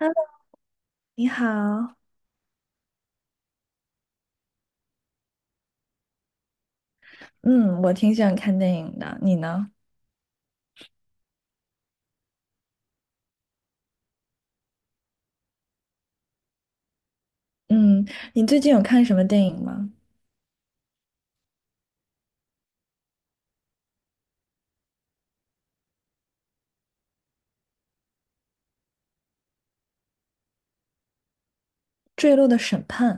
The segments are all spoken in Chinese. Hello，你好。嗯，我挺喜欢看电影的，你呢？嗯，你最近有看什么电影吗？《坠落的审判》，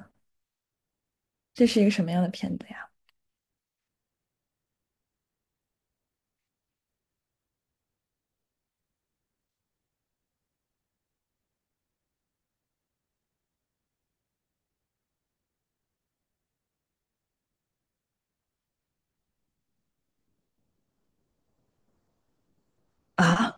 这是一个什么样的片子呀？啊，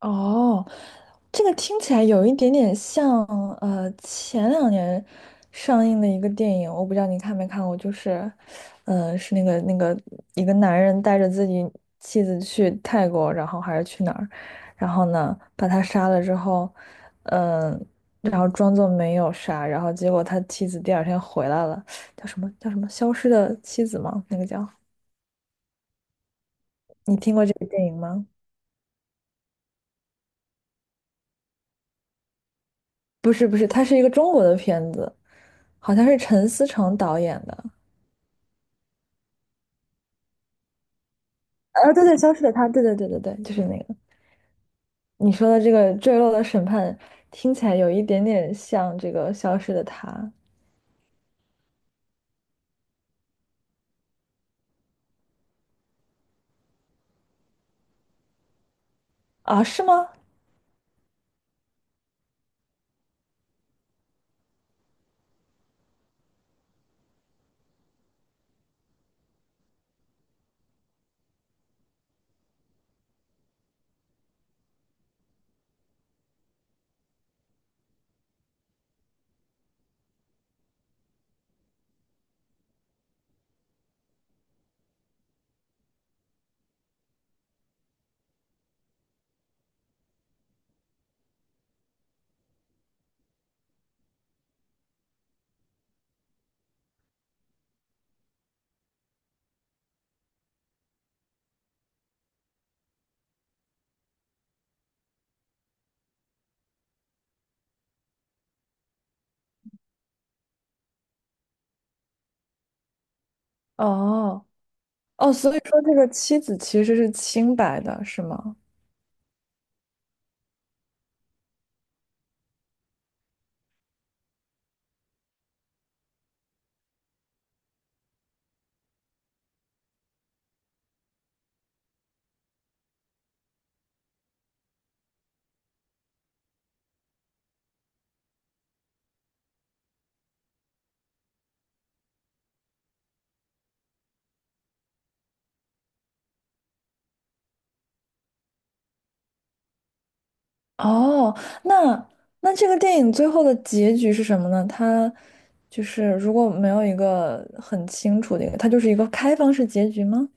哦，这个听起来有一点点像，前两年上映的一个电影，我不知道你看没看过，就是，是那个一个男人带着自己妻子去泰国，然后还是去哪儿，然后呢把他杀了之后，嗯、然后装作没有杀，然后结果他妻子第二天回来了，叫什么消失的妻子吗？那个叫，你听过这个电影吗？不是不是，它是一个中国的片子。好像是陈思诚导演的，对对，消失的她，对对对对对，就是那个你说的这个坠落的审判，听起来有一点点像这个消失的她啊，是吗？哦哦，所以说这个妻子其实是清白的，是吗？哦，那那这个电影最后的结局是什么呢？它就是如果没有一个很清楚的一个，它就是一个开放式结局吗？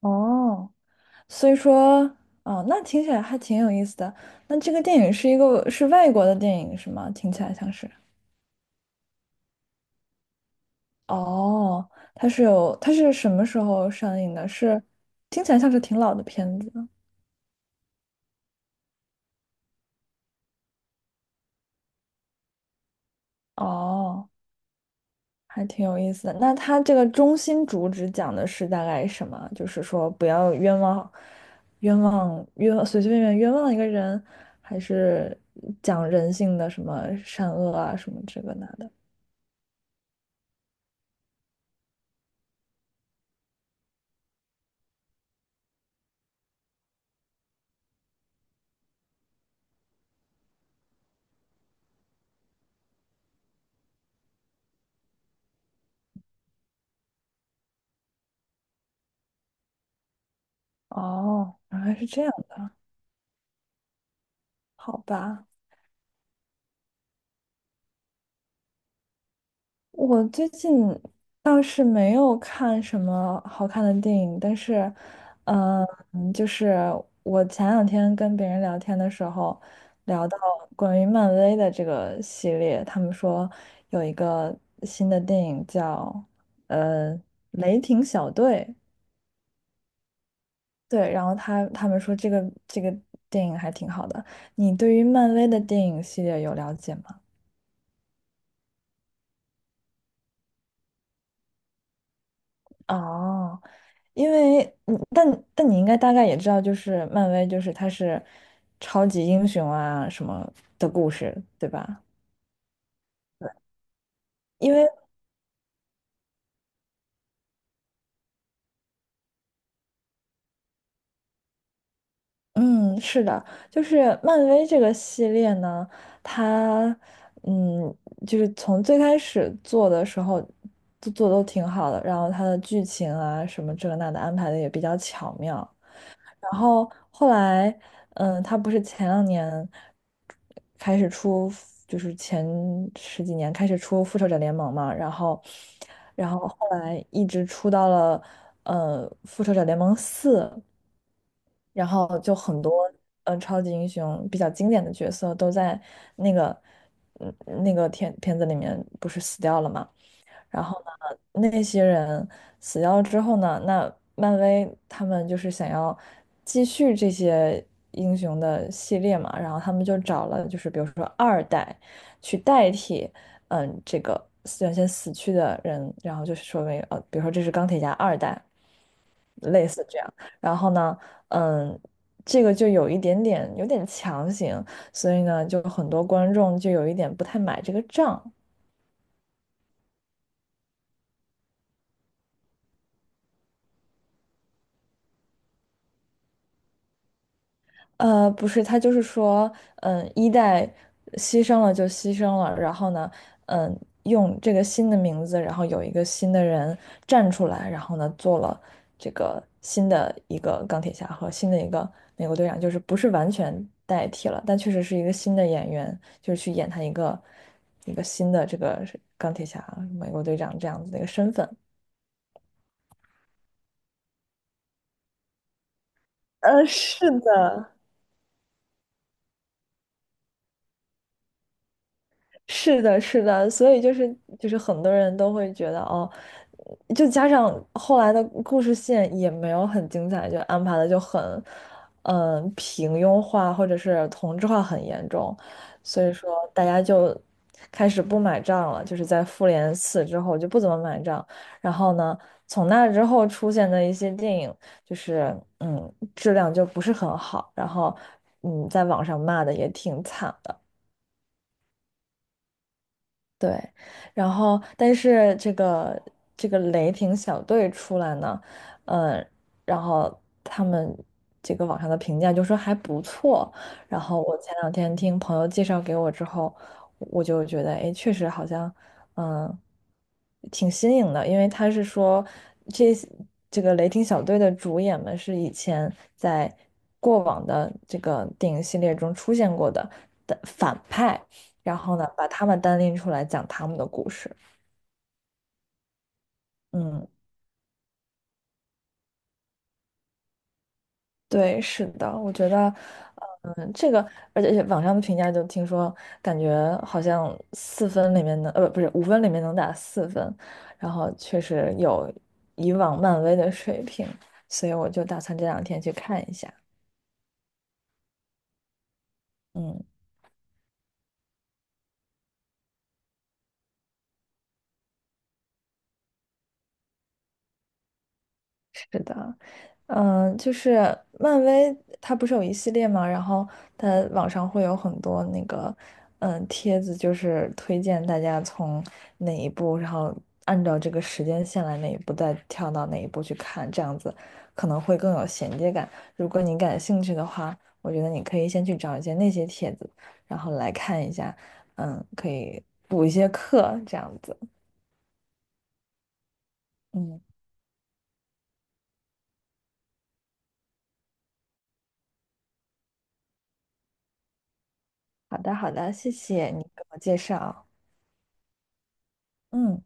哦。所以说，哦，那听起来还挺有意思的。那这个电影是一个是外国的电影是吗？听起来像是。哦，它是有，它是什么时候上映的？是，听起来像是挺老的片子。哦，还挺有意思的。那它这个中心主旨讲的是大概什么？就是说不要冤枉，冤枉冤枉随随便便冤枉一个人，还是讲人性的什么善恶啊什么这个那的？哦，原来是这样的，好吧。我最近倒是没有看什么好看的电影，但是，呃就是我前两天跟别人聊天的时候，聊到关于漫威的这个系列，他们说有一个新的电影叫呃《雷霆小队》，对，然后他们说这个电影还挺好的。你对于漫威的电影系列有了解吗？哦。因为但你应该大概也知道，就是漫威，就是它是超级英雄啊什么的故事，对吧？对因为嗯，是的，就是漫威这个系列呢，它嗯，就是从最开始做的时候都做得都挺好的，然后它的剧情啊什么这个那的安排的也比较巧妙，然后后来，他不是前两年开始出，就是前十几年开始出《复仇者联盟》嘛，然后，然后后来一直出到了《复仇者联盟四》，然后就很多超级英雄比较经典的角色都在那个嗯那个片子里面不是死掉了嘛。然后呢，那些人死掉之后呢，那漫威他们就是想要继续这些英雄的系列嘛，然后他们就找了就是比如说二代去代替，嗯，这个原先死去的人，然后就是说比如说这是钢铁侠二代，类似这样，然后呢，嗯。这个就有一点点有点强行，所以呢，就很多观众就有一点不太买这个账。不是，他就是说，一代牺牲了就牺牲了，然后呢，嗯，用这个新的名字，然后有一个新的人站出来，然后呢，做了这个新的一个钢铁侠和新的一个美国队长，就是不是完全代替了，但确实是一个新的演员，就是去演他一个新的这个钢铁侠、美国队长这样子的一个身份。嗯，是的，是的，是的，所以就是很多人都会觉得哦，就加上后来的故事线也没有很精彩，就安排的就很，平庸化或者是同质化很严重，所以说大家就开始不买账了，就是在复联四之后就不怎么买账，然后呢，从那之后出现的一些电影就是质量就不是很好，然后在网上骂的也挺惨的。对，然后但是这个雷霆小队出来呢，嗯，然后他们这个网上的评价就说还不错，然后我前两天听朋友介绍给我之后，我就觉得哎，确实好像嗯挺新颖的，因为他是说这这个雷霆小队的主演们是以前在过往的这个电影系列中出现过的反派。然后呢，把他们单拎出来讲他们的故事。嗯，对，是的，我觉得，这个，而且网上的评价就听说，感觉好像四分里面能，不是5分里面能打四分，然后确实有以往漫威的水平，所以我就打算这两天去看一下。嗯，是的。嗯，就是漫威，它不是有一系列嘛，然后它网上会有很多那个，帖子，就是推荐大家从哪一部，然后按照这个时间线来哪一部，再跳到哪一部去看，这样子可能会更有衔接感。如果你感兴趣的话，我觉得你可以先去找一些那些帖子，然后来看一下，可以补一些课，这样子。嗯，好的，好的，谢谢你给我介绍。嗯。